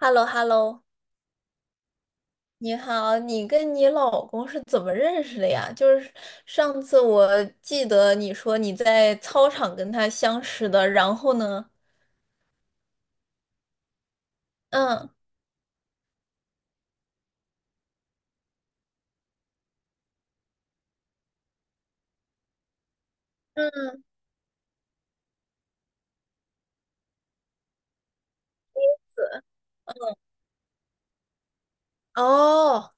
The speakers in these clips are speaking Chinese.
h e l l o h e l l o 你好，你跟你老公是怎么认识的呀？就是上次我记得你说你在操场跟他相识的，然后呢？嗯嗯，哦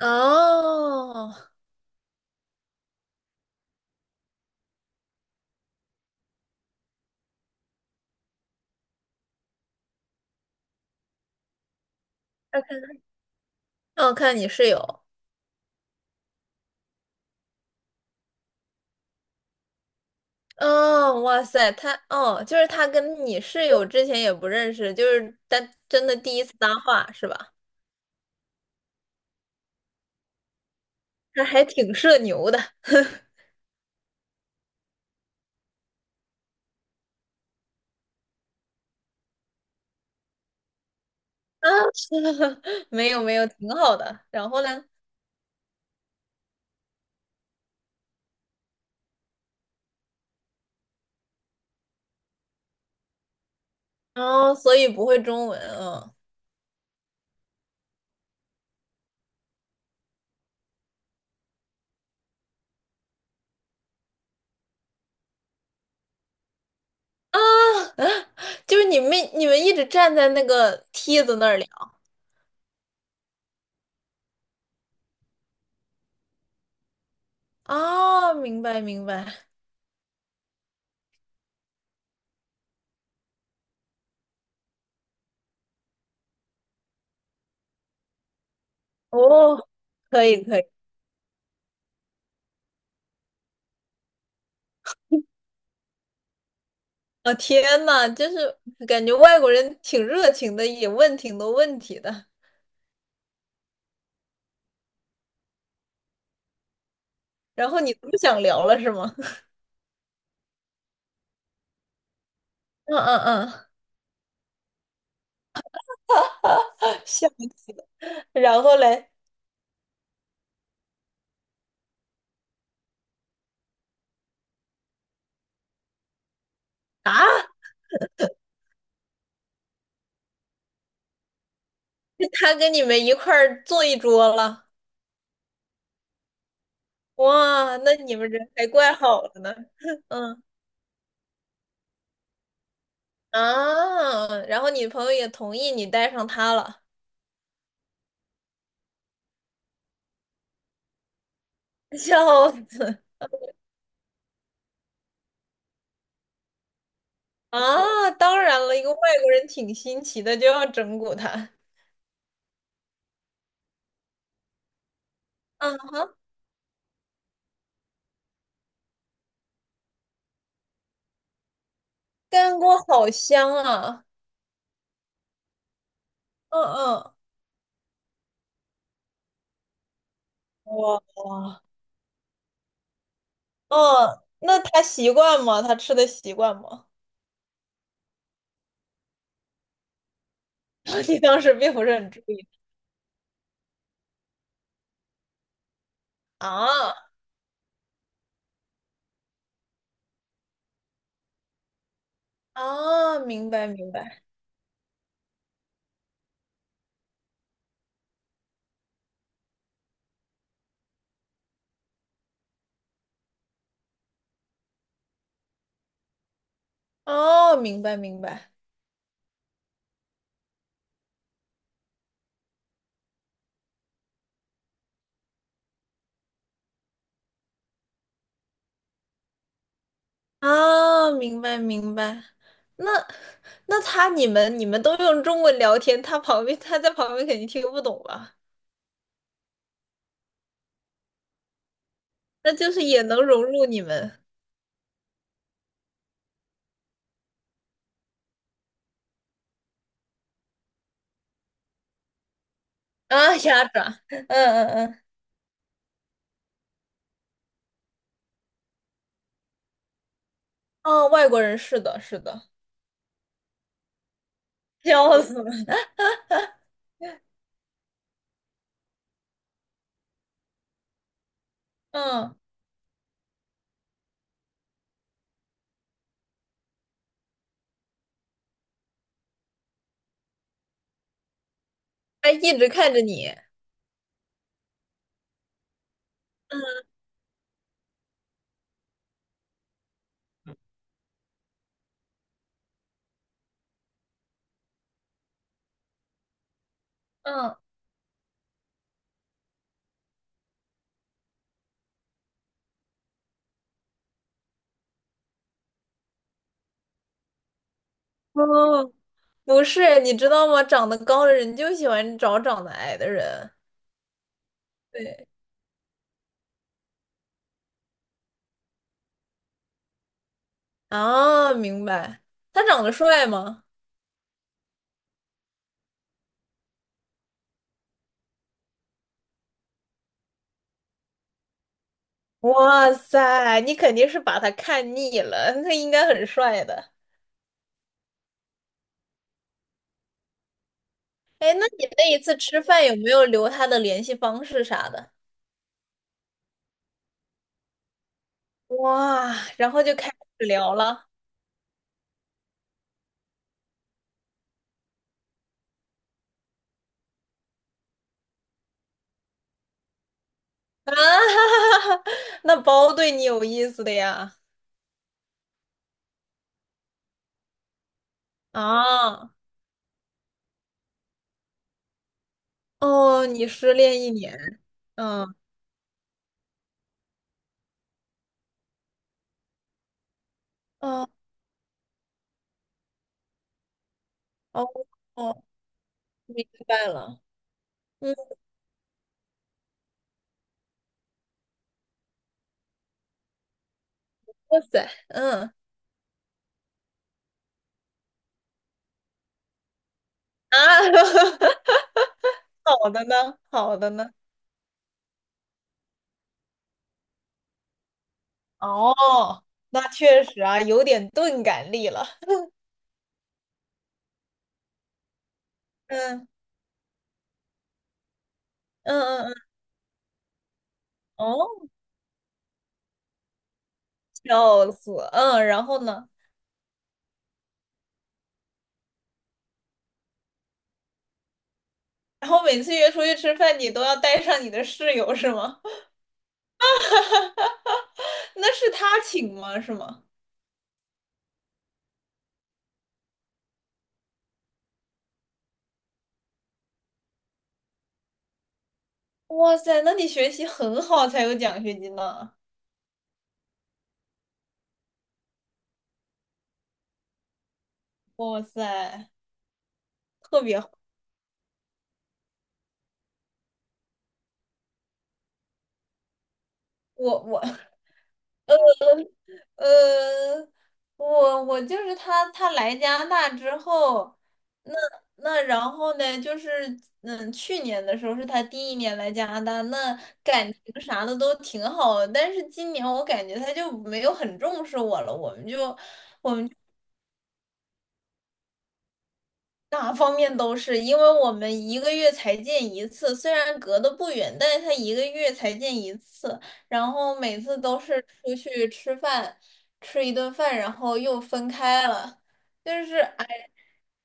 哦，要看哦，看你室友，哦，哇塞，就是他跟你室友之前也不认识，就是但真的第一次搭话是吧？他还挺社牛的 啊，没有没有，挺好的。然后呢？哦，所以不会中文啊啊，啊！就是你们一直站在那个梯子那儿聊啊，明白明白，哦，可以可以，啊、天呐，就是感觉外国人挺热情的，也问挺多问题的，然后你不想聊了是吗？嗯嗯嗯，笑死了，然后嘞啊，他跟你们一块儿坐一桌了，哇，那你们人还怪好的呢，嗯。啊，然后你朋友也同意你带上他了，笑死！啊，当然了，一个外国人挺新奇的，就要整蛊他。啊哈，干锅好香啊！嗯嗯，哇，嗯，那他习惯吗？他吃的习惯吗？你当时并不是很注意啊啊，明白明白，哦，明白明白。啊，明白明白。那他你们都用中文聊天，他旁边他在旁边肯定听不懂吧？那就是也能融入你们啊，鸭爪，嗯嗯嗯，哦，外国人是的，是的，笑死了，嗯，他一直看着你，嗯，嗯，哦，不是，你知道吗？长得高的人就喜欢找长得矮的人，对，啊，明白。他长得帅吗？哇塞，你肯定是把他看腻了，他应该很帅的。哎，那你那一次吃饭有没有留他的联系方式啥的？哇，然后就开始聊了啊，哈哈哈那包对你有意思的呀？啊，哦，你失恋一年，嗯，哦哦哦，明白了，嗯，哇塞，嗯啊，好的呢，好的呢。哦，那确实啊，有点钝感力了。嗯嗯嗯嗯，哦，笑死。嗯，然后呢？然后每次约出去吃饭，你都要带上你的室友是吗？那是他请吗？是吗？哇塞，那你学习很好才有奖学金呢。哇塞，特别好。我 呃，我就是他来加拿大之后，那然后呢，就是嗯，去年的时候是他第一年来加拿大，那感情啥的都挺好的，但是今年我感觉他就没有很重视我了，我们就哪方面都是，因为我们一个月才见一次，虽然隔得不远，但是他一个月才见一次，然后每次都是出去吃饭，吃一顿饭，然后又分开了，就是哎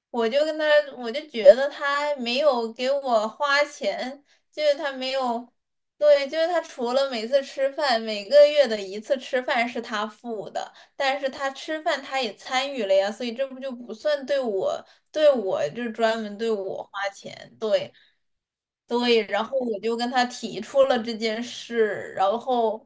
我就跟他，我就觉得他没有给我花钱，就是他没有，对，就是他除了每次吃饭，每个月的一次吃饭是他付的，但是他吃饭他也参与了呀，所以这不就不算对我，对我就专门对我花钱，对。对，然后我就跟他提出了这件事，然后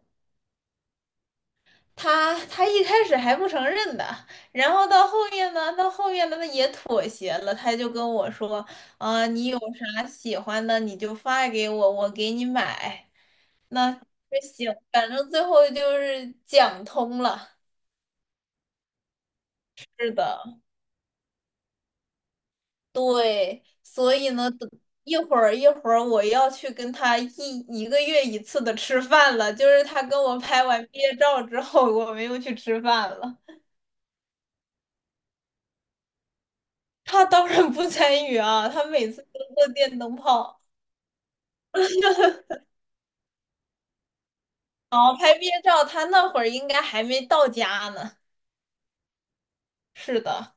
他一开始还不承认的，然后到后面呢,他也妥协了，他就跟我说，啊、你有啥喜欢的你就发给我，我给你买。那就行，反正最后就是讲通了。是的，对，所以呢，等一会儿我要去跟他一个月一次的吃饭了，就是他跟我拍完毕业照之后，我们又去吃饭了。他当然不参与啊，他每次都做电灯泡。好，拍毕业照，他那会儿应该还没到家呢。是的，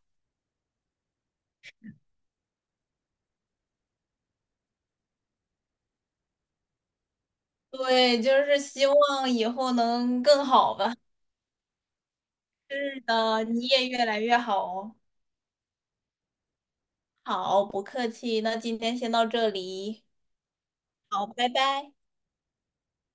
对，就是希望以后能更好吧。是的，你也越来越好哦。好，不客气，那今天先到这里。好，拜拜。